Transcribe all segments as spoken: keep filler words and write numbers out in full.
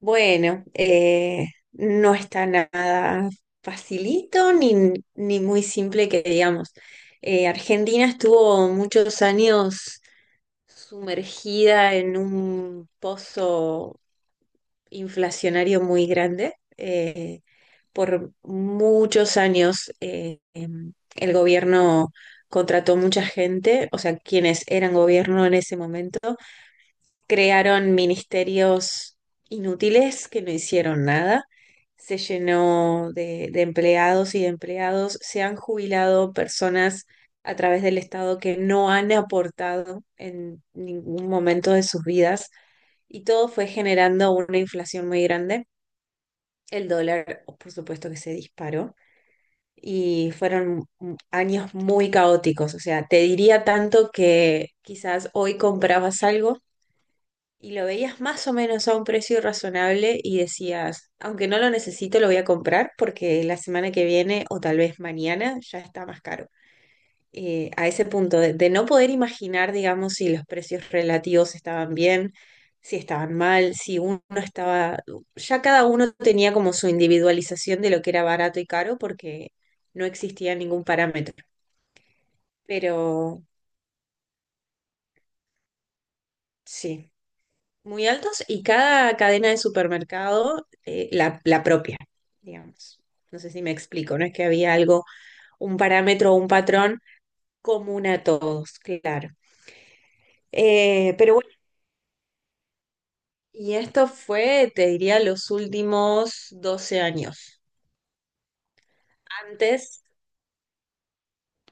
Bueno, eh, no está nada facilito ni, ni muy simple que digamos. Eh, Argentina estuvo muchos años sumergida en un pozo inflacionario muy grande. Eh, por muchos años eh, em, el gobierno contrató mucha gente, o sea, quienes eran gobierno en ese momento crearon ministerios inútiles que no hicieron nada, se llenó de, de empleados y de empleados, se han jubilado personas a través del Estado que no han aportado en ningún momento de sus vidas y todo fue generando una inflación muy grande. El dólar, por supuesto que se disparó y fueron años muy caóticos. O sea, te diría tanto que quizás hoy comprabas algo y lo veías más o menos a un precio razonable y decías, aunque no lo necesito, lo voy a comprar porque la semana que viene o tal vez mañana ya está más caro. Eh, a ese punto de, de no poder imaginar, digamos, si los precios relativos estaban bien, si estaban mal, si uno estaba. Ya cada uno tenía como su individualización de lo que era barato y caro porque no existía ningún parámetro. Pero sí, muy altos y cada cadena de supermercado eh, la, la propia, digamos. No sé si me explico, no es que había algo, un parámetro o un patrón común a todos, claro. Eh, pero bueno, y esto fue, te diría, los últimos doce años. Antes,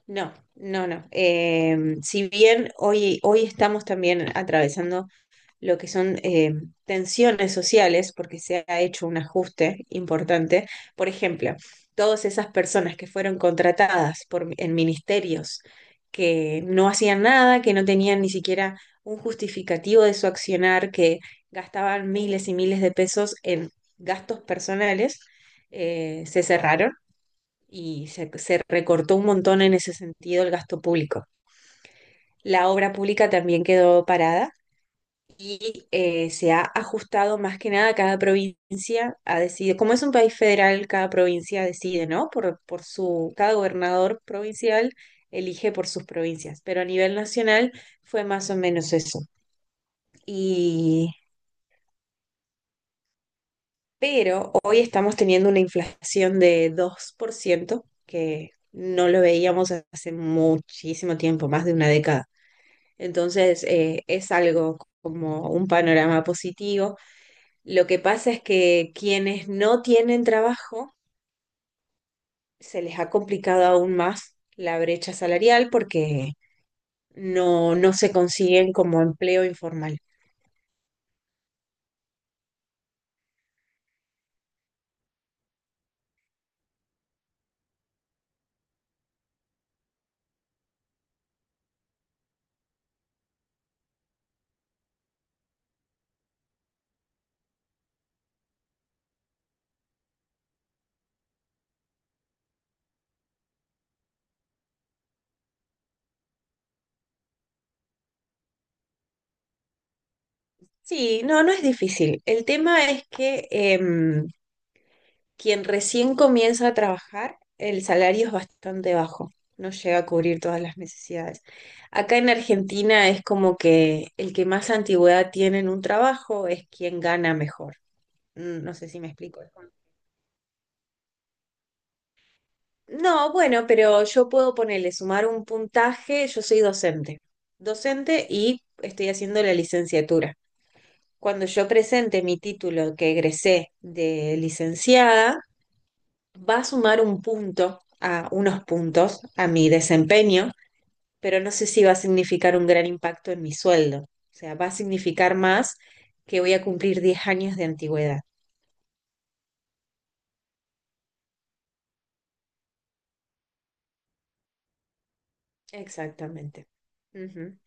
no, no, no. Eh, si bien hoy, hoy estamos también atravesando lo que son eh, tensiones sociales, porque se ha hecho un ajuste importante. Por ejemplo, todas esas personas que fueron contratadas por, en ministerios que no hacían nada, que no tenían ni siquiera un justificativo de su accionar, que gastaban miles y miles de pesos en gastos personales, eh, se cerraron y se, se recortó un montón en ese sentido el gasto público. La obra pública también quedó parada y eh, se ha ajustado más que nada, cada provincia ha decidido, como es un país federal, cada provincia decide, ¿no? Por, por su, cada gobernador provincial elige por sus provincias, pero a nivel nacional fue más o menos eso. Y pero hoy estamos teniendo una inflación de dos por ciento que no lo veíamos hace muchísimo tiempo, más de una década. Entonces, eh, es algo como un panorama positivo. Lo que pasa es que quienes no tienen trabajo se les ha complicado aún más la brecha salarial porque no, no se consiguen como empleo informal. Sí, no, no es difícil. El tema es que em, quien recién comienza a trabajar, el salario es bastante bajo, no llega a cubrir todas las necesidades. Acá en Argentina es como que el que más antigüedad tiene en un trabajo es quien gana mejor. Mm, No sé si me explico. No, bueno, pero yo puedo ponerle, sumar un puntaje, yo soy docente, docente y estoy haciendo la licenciatura. Cuando yo presente mi título que egresé de licenciada, va a sumar un punto a unos puntos a mi desempeño, pero no sé si va a significar un gran impacto en mi sueldo. O sea, va a significar más que voy a cumplir diez años de antigüedad. Exactamente. Ujú.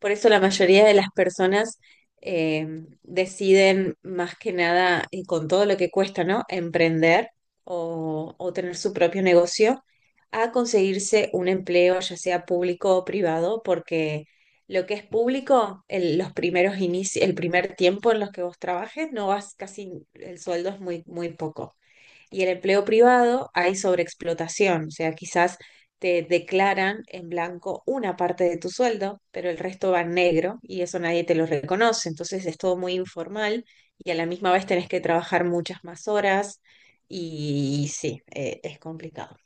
Por eso la mayoría de las personas eh, deciden más que nada, y con todo lo que cuesta, ¿no? Emprender o, o tener su propio negocio, a conseguirse un empleo, ya sea público o privado, porque lo que es público, el, los primeros inicios, el primer tiempo en los que vos trabajes, no vas casi, el sueldo es muy, muy poco. Y el empleo privado hay sobreexplotación, o sea, quizás te declaran en blanco una parte de tu sueldo, pero el resto va en negro y eso nadie te lo reconoce. Entonces es todo muy informal y a la misma vez tenés que trabajar muchas más horas y sí, eh, es complicado.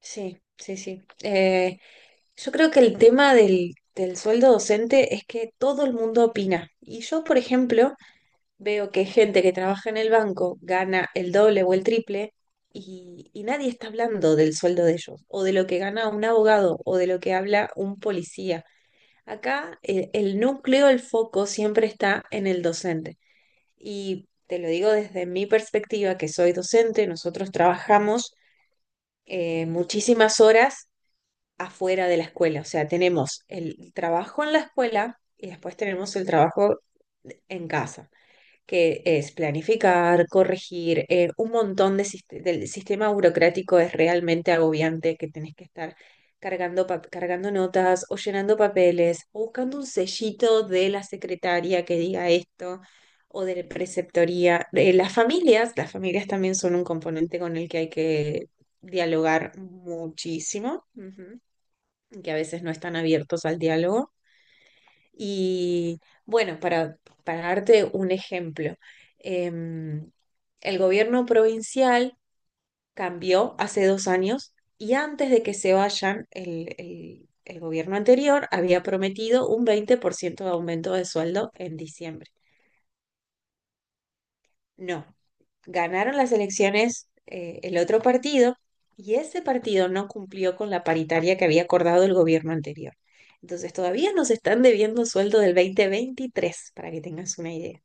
Sí, sí, sí. Eh, Yo creo que el tema del, del sueldo docente es que todo el mundo opina. Y yo, por ejemplo, veo que gente que trabaja en el banco gana el doble o el triple y, y nadie está hablando del sueldo de ellos, o de lo que gana un abogado, o de lo que habla un policía. Acá eh, el núcleo, el foco siempre está en el docente. Y te lo digo desde mi perspectiva, que soy docente, nosotros trabajamos eh, muchísimas horas afuera de la escuela. O sea, tenemos el trabajo en la escuela y después tenemos el trabajo en casa, que es planificar, corregir, eh, un montón de sist- del sistema burocrático es realmente agobiante, que tenés que estar cargando, pa- cargando notas o llenando papeles o buscando un sellito de la secretaria que diga esto o de la preceptoría. Eh, las familias, las familias también son un componente con el que hay que dialogar muchísimo. Ujú, que a veces no están abiertos al diálogo. Y bueno, para, para darte un ejemplo, em, el gobierno provincial cambió hace dos años y antes de que se vayan, el, el el gobierno anterior había prometido un veinte por ciento de aumento de sueldo en diciembre. No, ganaron las elecciones eh, el otro partido y ese partido no cumplió con la paritaria que había acordado el gobierno anterior. Entonces todavía nos están debiendo sueldo del dos mil veintitrés, para que tengas una idea.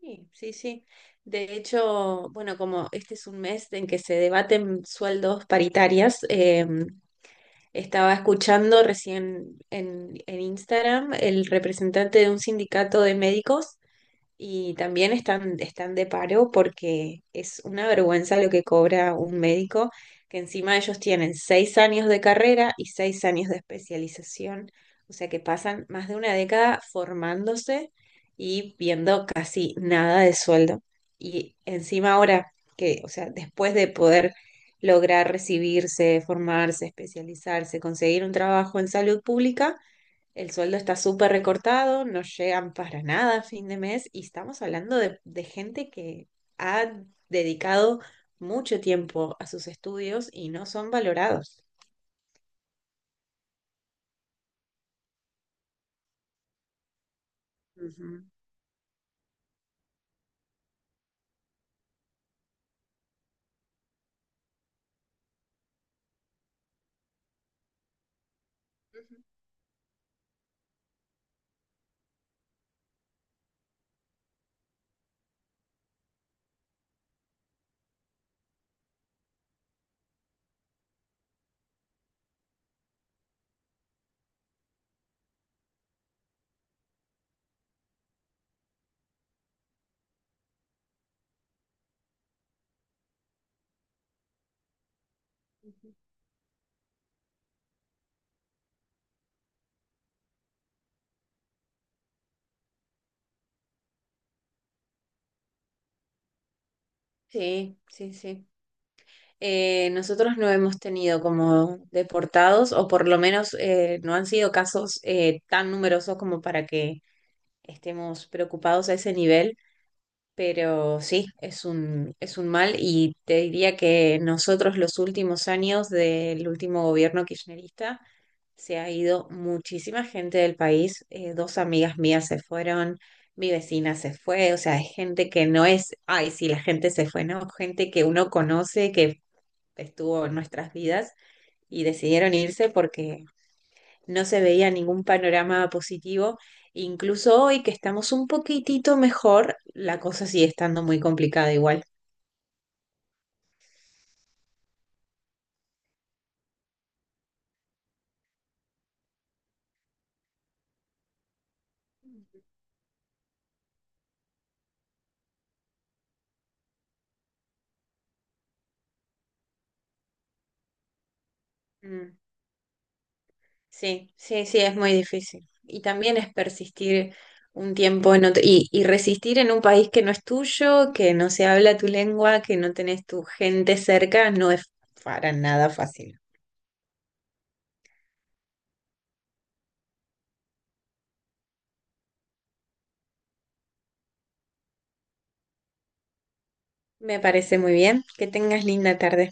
Sí, sí, sí. De hecho, bueno, como este es un mes en que se debaten sueldos paritarias, eh, estaba escuchando recién en, en Instagram el representante de un sindicato de médicos. Y también están, están de paro porque es una vergüenza lo que cobra un médico, que encima ellos tienen seis años de carrera y seis años de especialización, o sea que pasan más de una década formándose y viendo casi nada de sueldo. Y encima ahora que, o sea, después de poder lograr recibirse, formarse, especializarse, conseguir un trabajo en salud pública, el sueldo está súper recortado, no llegan para nada a fin de mes y estamos hablando de, de gente que ha dedicado mucho tiempo a sus estudios y no son valorados. Ujú. Sí, sí, sí. Eh, nosotros no hemos tenido como deportados o por lo menos eh, no han sido casos eh, tan numerosos como para que estemos preocupados a ese nivel. Pero sí, es un, es un mal y te diría que nosotros los últimos años del último gobierno kirchnerista se ha ido muchísima gente del país. eh, dos amigas mías se fueron, mi vecina se fue, o sea, es gente que no es, ay, sí, la gente se fue, no, gente que uno conoce, que estuvo en nuestras vidas y decidieron irse porque no se veía ningún panorama positivo. Incluso hoy que estamos un poquitito mejor, la cosa sigue estando muy complicada igual. Mm, Sí, sí, sí, es muy difícil. Y también es persistir un tiempo en otro y, y resistir en un país que no es tuyo, que no se habla tu lengua, que no tenés tu gente cerca, no es para nada fácil. Me parece muy bien. Que tengas linda tarde.